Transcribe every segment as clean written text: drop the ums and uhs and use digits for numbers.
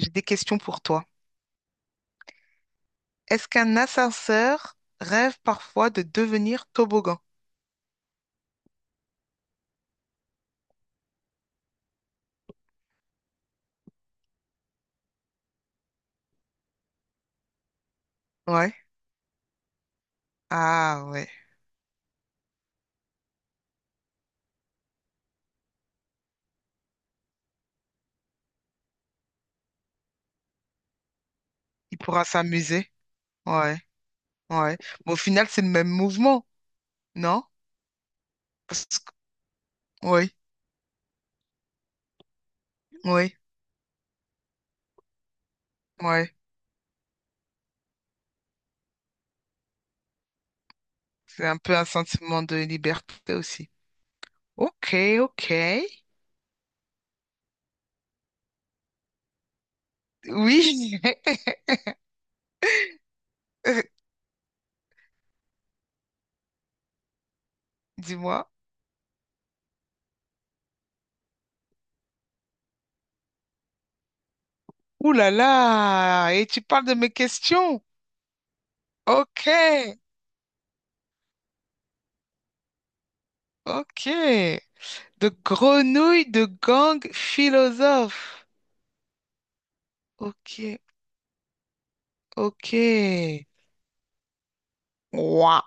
J'ai des questions pour toi. Est-ce qu'un ascenseur rêve parfois de devenir toboggan? Ouais. Ah ouais. Il pourra s'amuser. Ouais. Ouais. Mais au final, c'est le même mouvement, non? Parce que... Oui, oui, oui. C'est un peu un sentiment de liberté aussi. Ok, ok. Oui. Euh, Dis-moi. Ouh là là. Et tu parles de mes questions. Ok, ok. De grenouille de gang philosophe. Ok, ok. Ouah,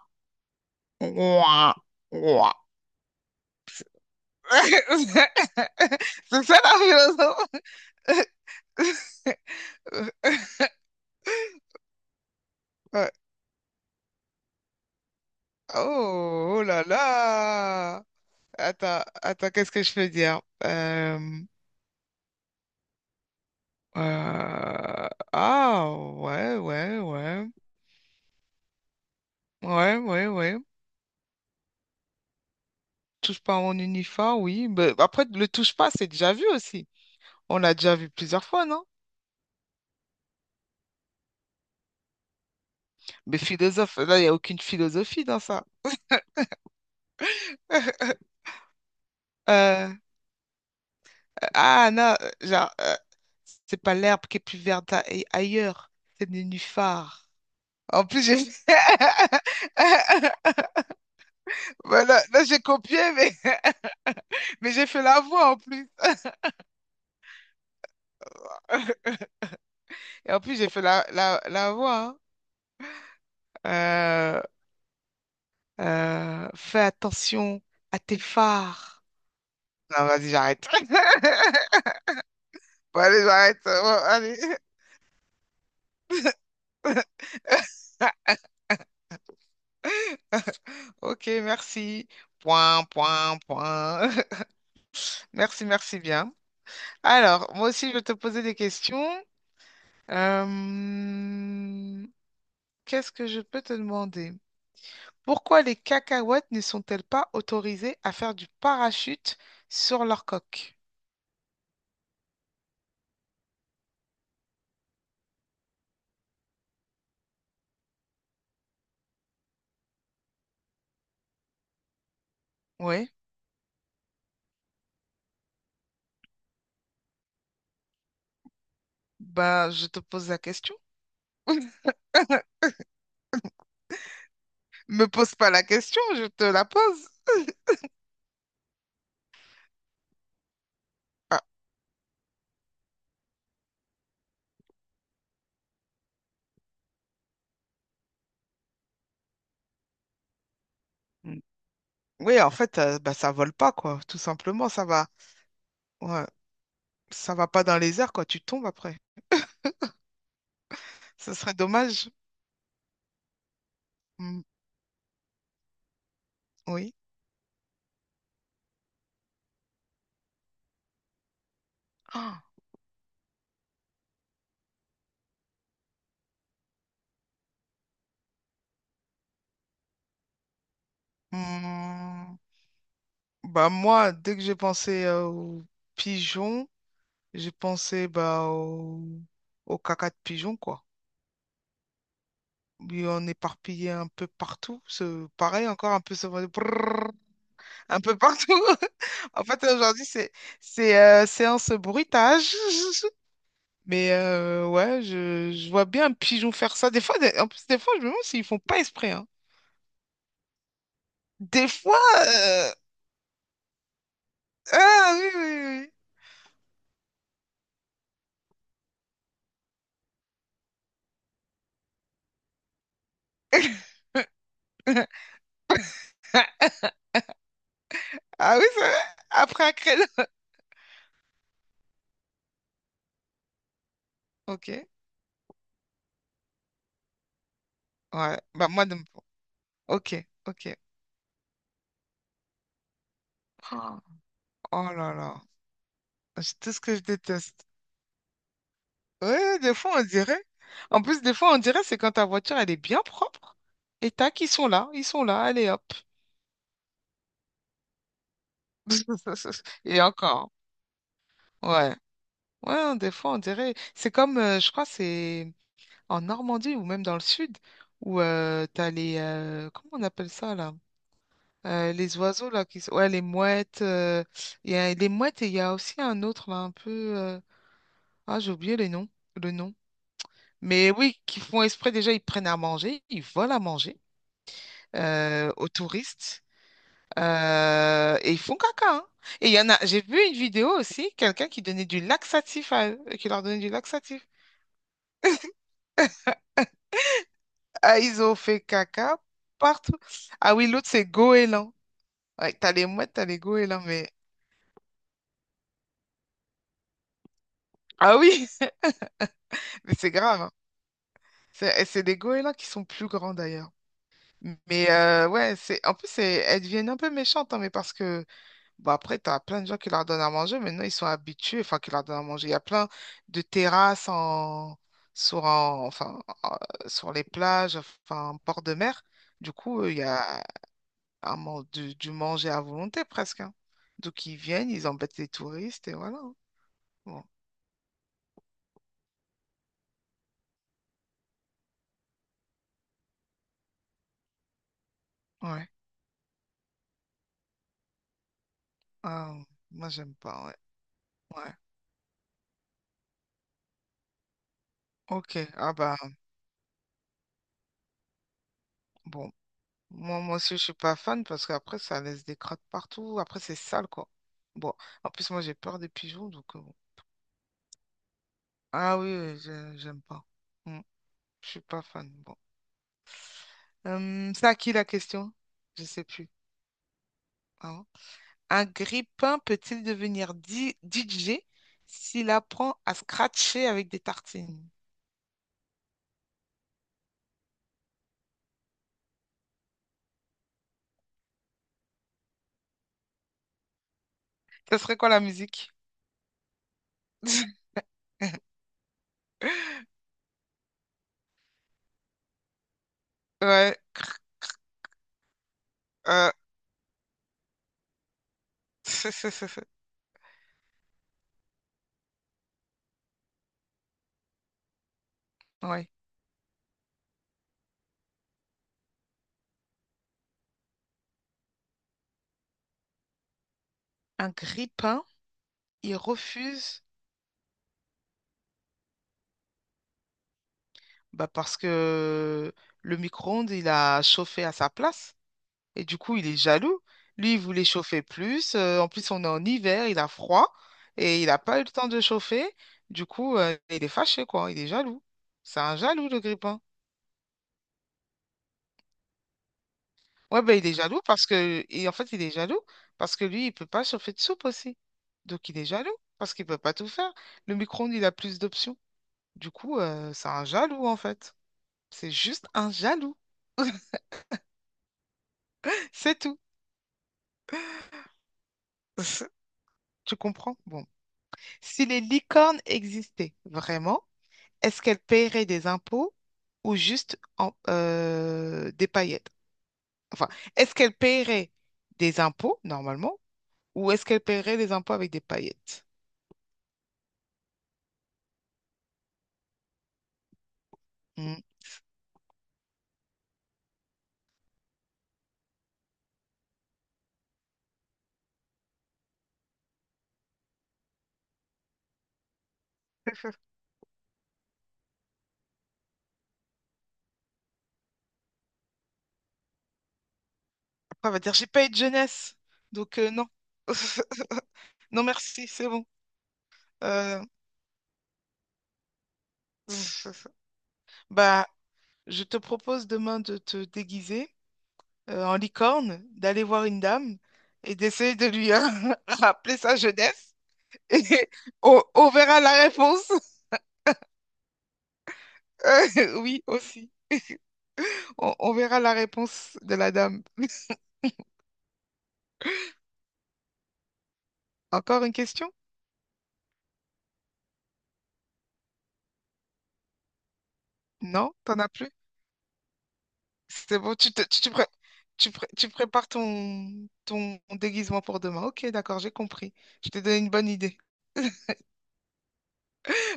ouah, ouah. C'est ça la philosophe? Ouais. Oh, oh là là! Attends, attends, qu'est-ce que je peux dire? Euh, ah, ouais, ouais, ouais. Ouais, ouais, ouais. Touche pas à mon uniforme, oui. Mais après, le touche pas, c'est déjà vu aussi. On l'a déjà vu plusieurs fois, non? Mais philosophe, là, il n'y a aucune philosophie dans ça. Euh, ah, non, genre, euh, c'est pas l'herbe qui est plus verte ailleurs, c'est le nénuphar. En plus, j'ai... Voilà, là, j'ai copié, mais, mais j'ai fait la voix en plus. Et en plus, j'ai fait la voix. Hein. Fais attention à tes phares. Non, vas-y, j'arrête. Bon, allez, j'arrête. Bon, allez. Ok, merci. Point, point, point. Merci, merci bien. Alors, moi aussi, je vais te poser des questions. Euh, Qu'est-ce que je peux te demander? Pourquoi les cacahuètes ne sont-elles pas autorisées à faire du parachute sur leur coque? Oui, ben, je te pose la question. Me pose pas la question, je te la pose. Ah, mm. Oui, en fait, ça vole pas, quoi. Tout simplement, ça va. Ouais, ça va pas dans les airs, quoi. Tu tombes après. Ce serait dommage. Mm, oui. Ah, mm, bah moi, dès que j'ai pensé aux pigeons, j'ai pensé bah, au caca de pigeon, quoi. Oui, on est éparpillé un peu partout. Pareil, encore un peu ce brrr, un peu partout. En fait, aujourd'hui, c'est séance bruitage. Mais ouais, je vois bien un pigeon faire ça. En plus, des fois, je me demande s'ils font pas exprès. Hein. Des fois, euh, ah oui, oui, oui. Ah oui, c'est vrai? Après un créneau. Ok. Ouais. Bah moi, non. Ok, ok. Oh, oh là là. C'est tout ce que je déteste. Ouais, des fois, on dirait. En plus, des fois, on dirait c'est quand ta voiture, elle est bien propre. Et tac, ils sont là. Ils sont là. Allez, hop. Et encore. Ouais. Ouais, des fois, on dirait. Je crois, c'est en Normandie ou même dans le sud, où t'as les. Comment on appelle ça, là? Les oiseaux, là, qui... ouais, les mouettes. Il y a les mouettes et il y a aussi un autre, là, un peu... Ah, j'ai oublié le nom. Mais oui, qui font exprès, déjà, ils prennent à manger, ils volent à manger aux touristes. Et ils font caca, hein. Et il y en a... J'ai vu une vidéo aussi, quelqu'un qui donnait du laxatif à eux, qui leur donnait du laxatif. Ah, ils ont fait caca partout. Ah oui, l'autre, c'est goéland. Ouais, t'as les mouettes, t'as les goélands, mais... Ah oui, mais c'est grave, hein. C'est des goélands qui sont plus grands d'ailleurs. Mais ouais, c'est en plus c'est- elles deviennent un peu méchantes, hein, mais parce que bon après t'as plein de gens qui leur donnent à manger, maintenant ils sont habitués, enfin qui leur donnent à manger. Il y a plein de terrasses enfin sur les plages, enfin en port de mer. Du coup, il y a du manger à volonté presque. Hein. Donc ils viennent, ils embêtent les touristes et voilà. Hein. Bon, ouais. Ah, moi j'aime pas, ouais. Ouais. Ok. Ah bah bon. Moi, moi aussi, je suis pas fan parce qu'après, ça laisse des crottes partout. Après, c'est sale, quoi. Bon, en plus, moi, j'ai peur des pigeons, donc bon. Ah oui, oui, j'aime pas. Mm, je suis pas fan. Bon. C'est à qui la question? Je sais plus. Ah ouais. Un grippin peut-il devenir DJ s'il apprend à scratcher avec des tartines? Ça serait quoi la musique? Ouais. euh, Ouais. Un grippin, il refuse. Bah parce que le micro-ondes, il a chauffé à sa place et du coup, il est jaloux. Lui, il voulait chauffer plus. En plus, on est en hiver, il a froid et il n'a pas eu le temps de chauffer. Du coup, il est fâché, quoi. Il est jaloux. C'est un jaloux, le grippin. Ouais, bah, il est jaloux parce que... Et en fait, il est jaloux parce que lui, il peut pas chauffer de soupe aussi. Donc, il est jaloux parce qu'il peut pas tout faire. Le micro-ondes, il a plus d'options. Du coup, c'est un jaloux, en fait. C'est juste un jaloux. C'est tout. Tu comprends? Bon. Si les licornes existaient vraiment, est-ce qu'elles paieraient des impôts ou juste des paillettes? Enfin, est-ce qu'elles paieraient des impôts normalement ou est-ce qu'elles paieraient des impôts avec des paillettes? Hmm. Après, on va dire, j'ai pas eu de jeunesse, donc non. Non, merci, c'est bon. Euh, Bah, je te propose demain de te déguiser en licorne, d'aller voir une dame et d'essayer de lui rappeler sa jeunesse. Et on verra la réponse. Oui, aussi. On verra la réponse de la dame. Encore une question? Non, t'en as plus? C'est bon, tu prépares ton déguisement pour demain. Ok, d'accord, j'ai compris. Je t'ai donné une bonne idée.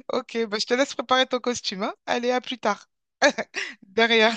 Ok, bah, je te laisse préparer ton costume, hein. Allez, à plus tard. Derrière.